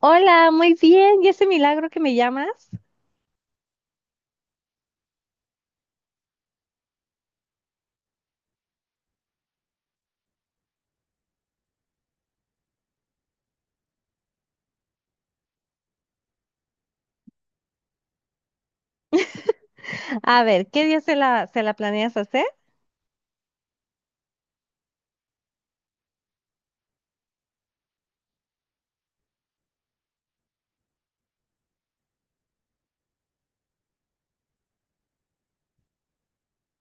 Hola, muy bien. ¿Y ese milagro que me llamas? A ver, ¿qué día se la planeas hacer?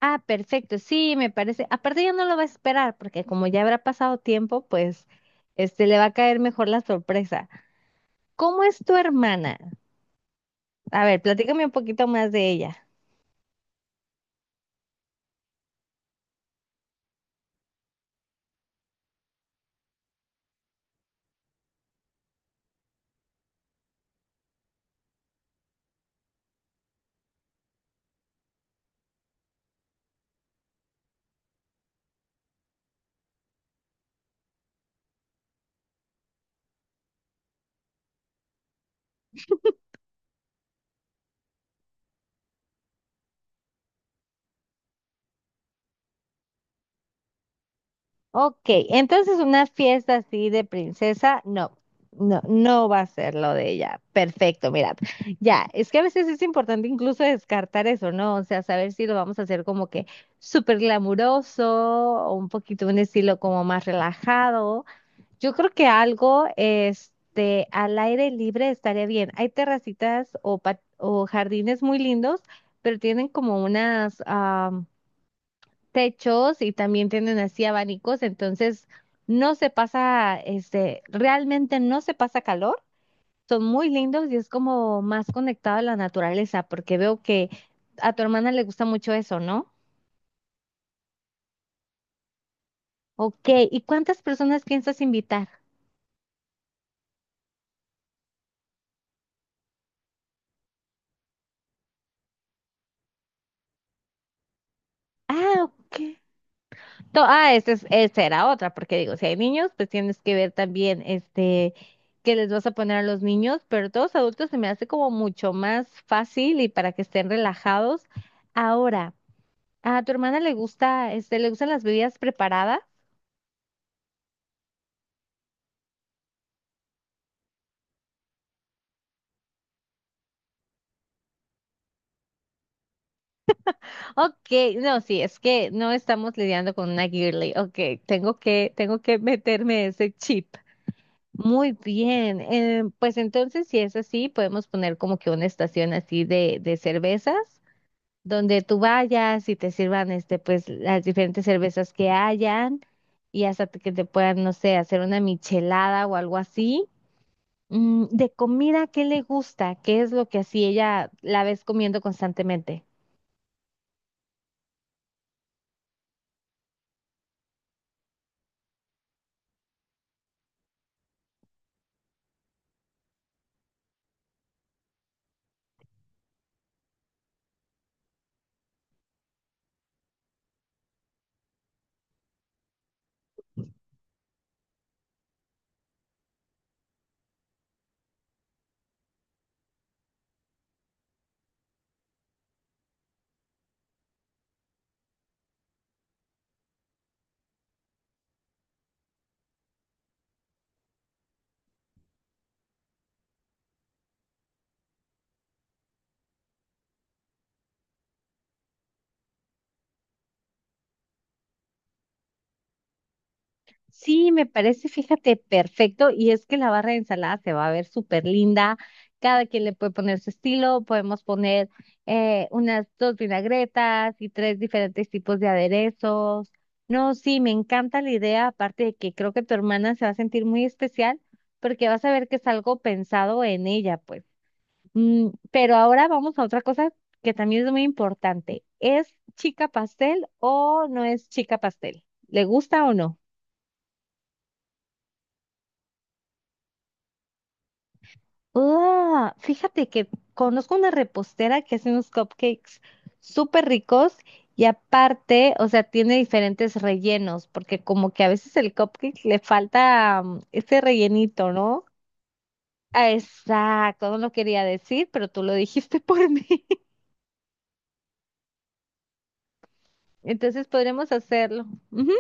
Ah, perfecto. Sí, me parece. Aparte ya no lo va a esperar porque como ya habrá pasado tiempo, pues le va a caer mejor la sorpresa. ¿Cómo es tu hermana? A ver, platícame un poquito más de ella. Ok, entonces una fiesta así de princesa, no, no, no va a ser lo de ella. Perfecto, mira. Ya, es que a veces es importante incluso descartar eso, ¿no? O sea, saber si lo vamos a hacer como que súper glamuroso o un poquito un estilo como más relajado. Yo creo que algo, al aire libre estaría bien. Hay terracitas o, o jardines muy lindos, pero tienen como unas, techos y también tienen así abanicos, entonces no se pasa, realmente no se pasa calor, son muy lindos y es como más conectado a la naturaleza, porque veo que a tu hermana le gusta mucho eso, ¿no? Ok, ¿y cuántas personas piensas invitar? Ah, ok. Esa es, esa era otra, porque digo, si hay niños, pues tienes que ver también, qué les vas a poner a los niños, pero todos adultos se me hace como mucho más fácil y para que estén relajados. Ahora, ¿a tu hermana le gusta, le gustan las bebidas preparadas? Ok, no, sí, es que no estamos lidiando con una girly. Ok, tengo que meterme ese chip. Muy bien, pues entonces si es así, podemos poner como que una estación así de cervezas, donde tú vayas y te sirvan, pues las diferentes cervezas que hayan y hasta que te puedan, no sé, hacer una michelada o algo así. Mm, de comida, ¿qué le gusta? ¿Qué es lo que así ella la ves comiendo constantemente? Sí, me parece, fíjate, perfecto. Y es que la barra de ensalada se va a ver súper linda. Cada quien le puede poner su estilo. Podemos poner unas dos vinagretas y tres diferentes tipos de aderezos. No, sí, me encanta la idea. Aparte de que creo que tu hermana se va a sentir muy especial porque vas a ver que es algo pensado en ella, pues. Mm, pero ahora vamos a otra cosa que también es muy importante. ¿Es chica pastel o no es chica pastel? ¿Le gusta o no? Ah, fíjate que conozco una repostera que hace unos cupcakes súper ricos y aparte, o sea, tiene diferentes rellenos, porque como que a veces el cupcake le falta ese rellenito, ¿no? Ah, exacto, no lo quería decir, pero tú lo dijiste por mí. Entonces podremos hacerlo. Ujú.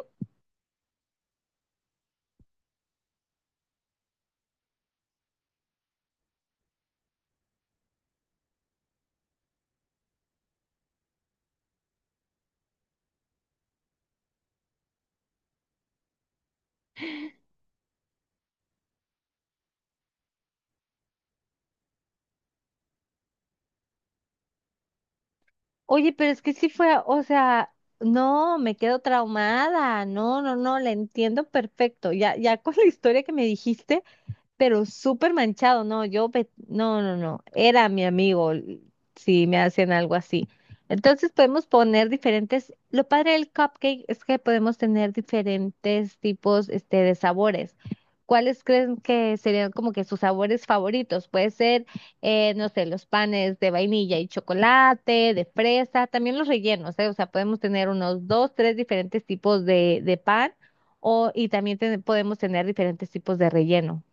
Oye, pero es que sí fue, o sea, no, me quedo traumada, no, no, no, la entiendo perfecto. Ya, ya con la historia que me dijiste, pero súper manchado, no, yo, no, no, no, era mi amigo si me hacen algo así. Entonces podemos poner diferentes, lo padre del cupcake es que podemos tener diferentes tipos, de sabores. ¿Cuáles creen que serían como que sus sabores favoritos? Puede ser, no sé, los panes de vainilla y chocolate, de fresa, también los rellenos, ¿eh? O sea, podemos tener unos dos, tres diferentes tipos de pan o, y también podemos tener diferentes tipos de relleno.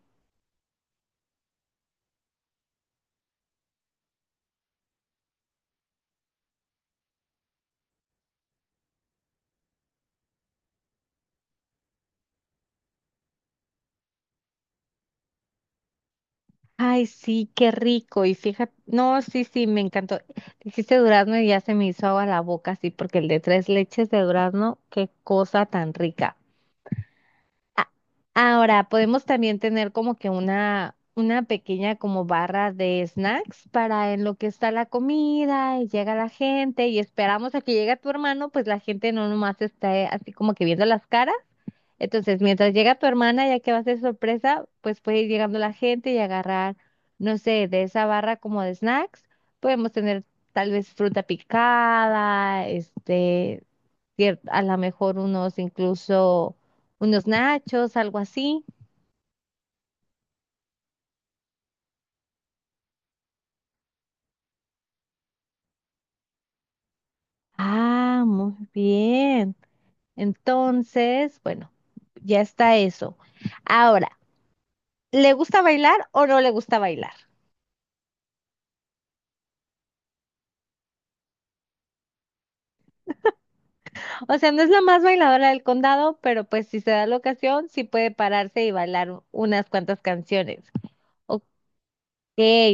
Ay, sí, qué rico. Y fíjate, no, sí, sí, me encantó. Dijiste durazno y ya se me hizo agua la boca, sí, porque el de tres leches de durazno, qué cosa tan rica. A- Ahora, podemos también tener como que una pequeña como barra de snacks para en lo que está la comida y llega la gente y esperamos a que llegue tu hermano, pues la gente no nomás está así como que viendo las caras, entonces, mientras llega tu hermana, ya que va a ser sorpresa, pues puede ir llegando la gente y agarrar, no sé, de esa barra como de snacks. Podemos tener tal vez fruta picada, a lo mejor unos, incluso unos nachos, algo así. Ah, muy bien. Entonces, bueno, ya está eso. Ahora, ¿le gusta bailar o no le gusta bailar? O sea, no es la más bailadora del condado, pero pues si se da la ocasión, sí puede pararse y bailar unas cuantas canciones. Ok,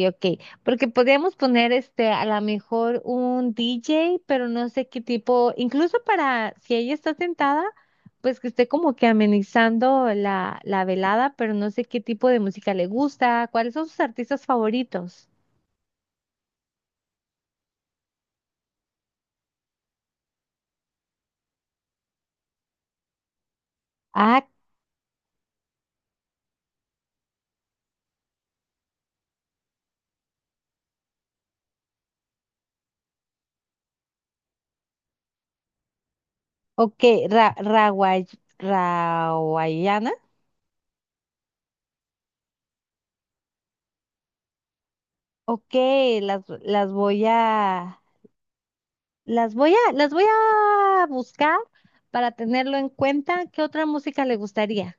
ok. Porque podríamos poner a lo mejor un DJ, pero no sé qué tipo, incluso para si ella está sentada, pues que esté como que amenizando la velada, pero no sé qué tipo de música le gusta, cuáles son sus artistas favoritos. Ah, ok, Rawaiana. Ok, las, las voy a, las voy a buscar para tenerlo en cuenta. ¿Qué otra música le gustaría?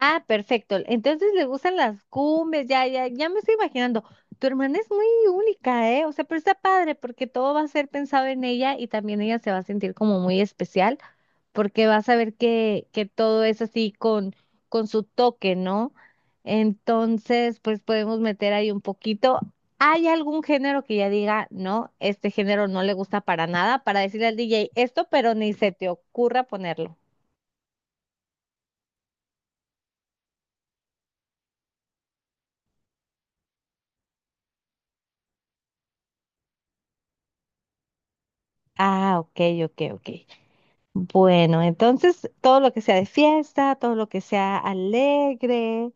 Ah, perfecto. Entonces le gustan las cumbias, ya me estoy imaginando. Tu hermana es muy única, ¿eh? O sea, pero está padre porque todo va a ser pensado en ella y también ella se va a sentir como muy especial, porque vas a ver que todo es así con su toque, ¿no? Entonces, pues podemos meter ahí un poquito. ¿Hay algún género que ya diga, no, este género no le gusta para nada, para decirle al DJ esto, pero ni se te ocurra ponerlo? Ah, ok, ok, ok. Bueno, entonces todo lo que sea de fiesta, todo lo que sea alegre,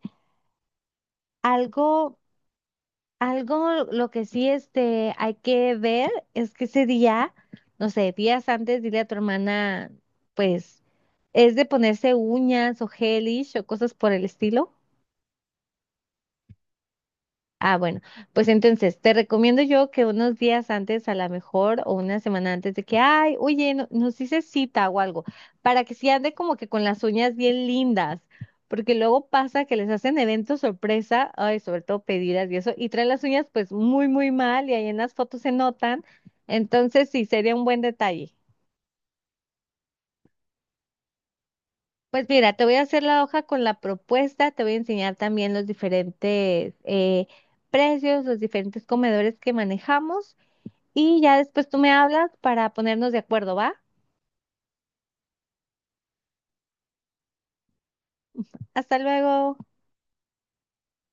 algo algo lo que sí hay que ver es que ese día, no sé, días antes, dile a tu hermana, pues, es de ponerse uñas o gelish o cosas por el estilo. Ah, bueno, pues entonces te recomiendo yo que unos días antes, a lo mejor, o una semana antes de que, ay, oye, nos hice cita o algo, para que sí ande como que con las uñas bien lindas, porque luego pasa que les hacen eventos sorpresa, ay, sobre todo pedidas y eso, y traen las uñas pues muy, muy mal y ahí en las fotos se notan, entonces sí, sería un buen detalle. Pues mira, te voy a hacer la hoja con la propuesta, te voy a enseñar también los diferentes precios, los diferentes comedores que manejamos. Y ya después tú me hablas para ponernos de acuerdo, ¿va? Hasta luego.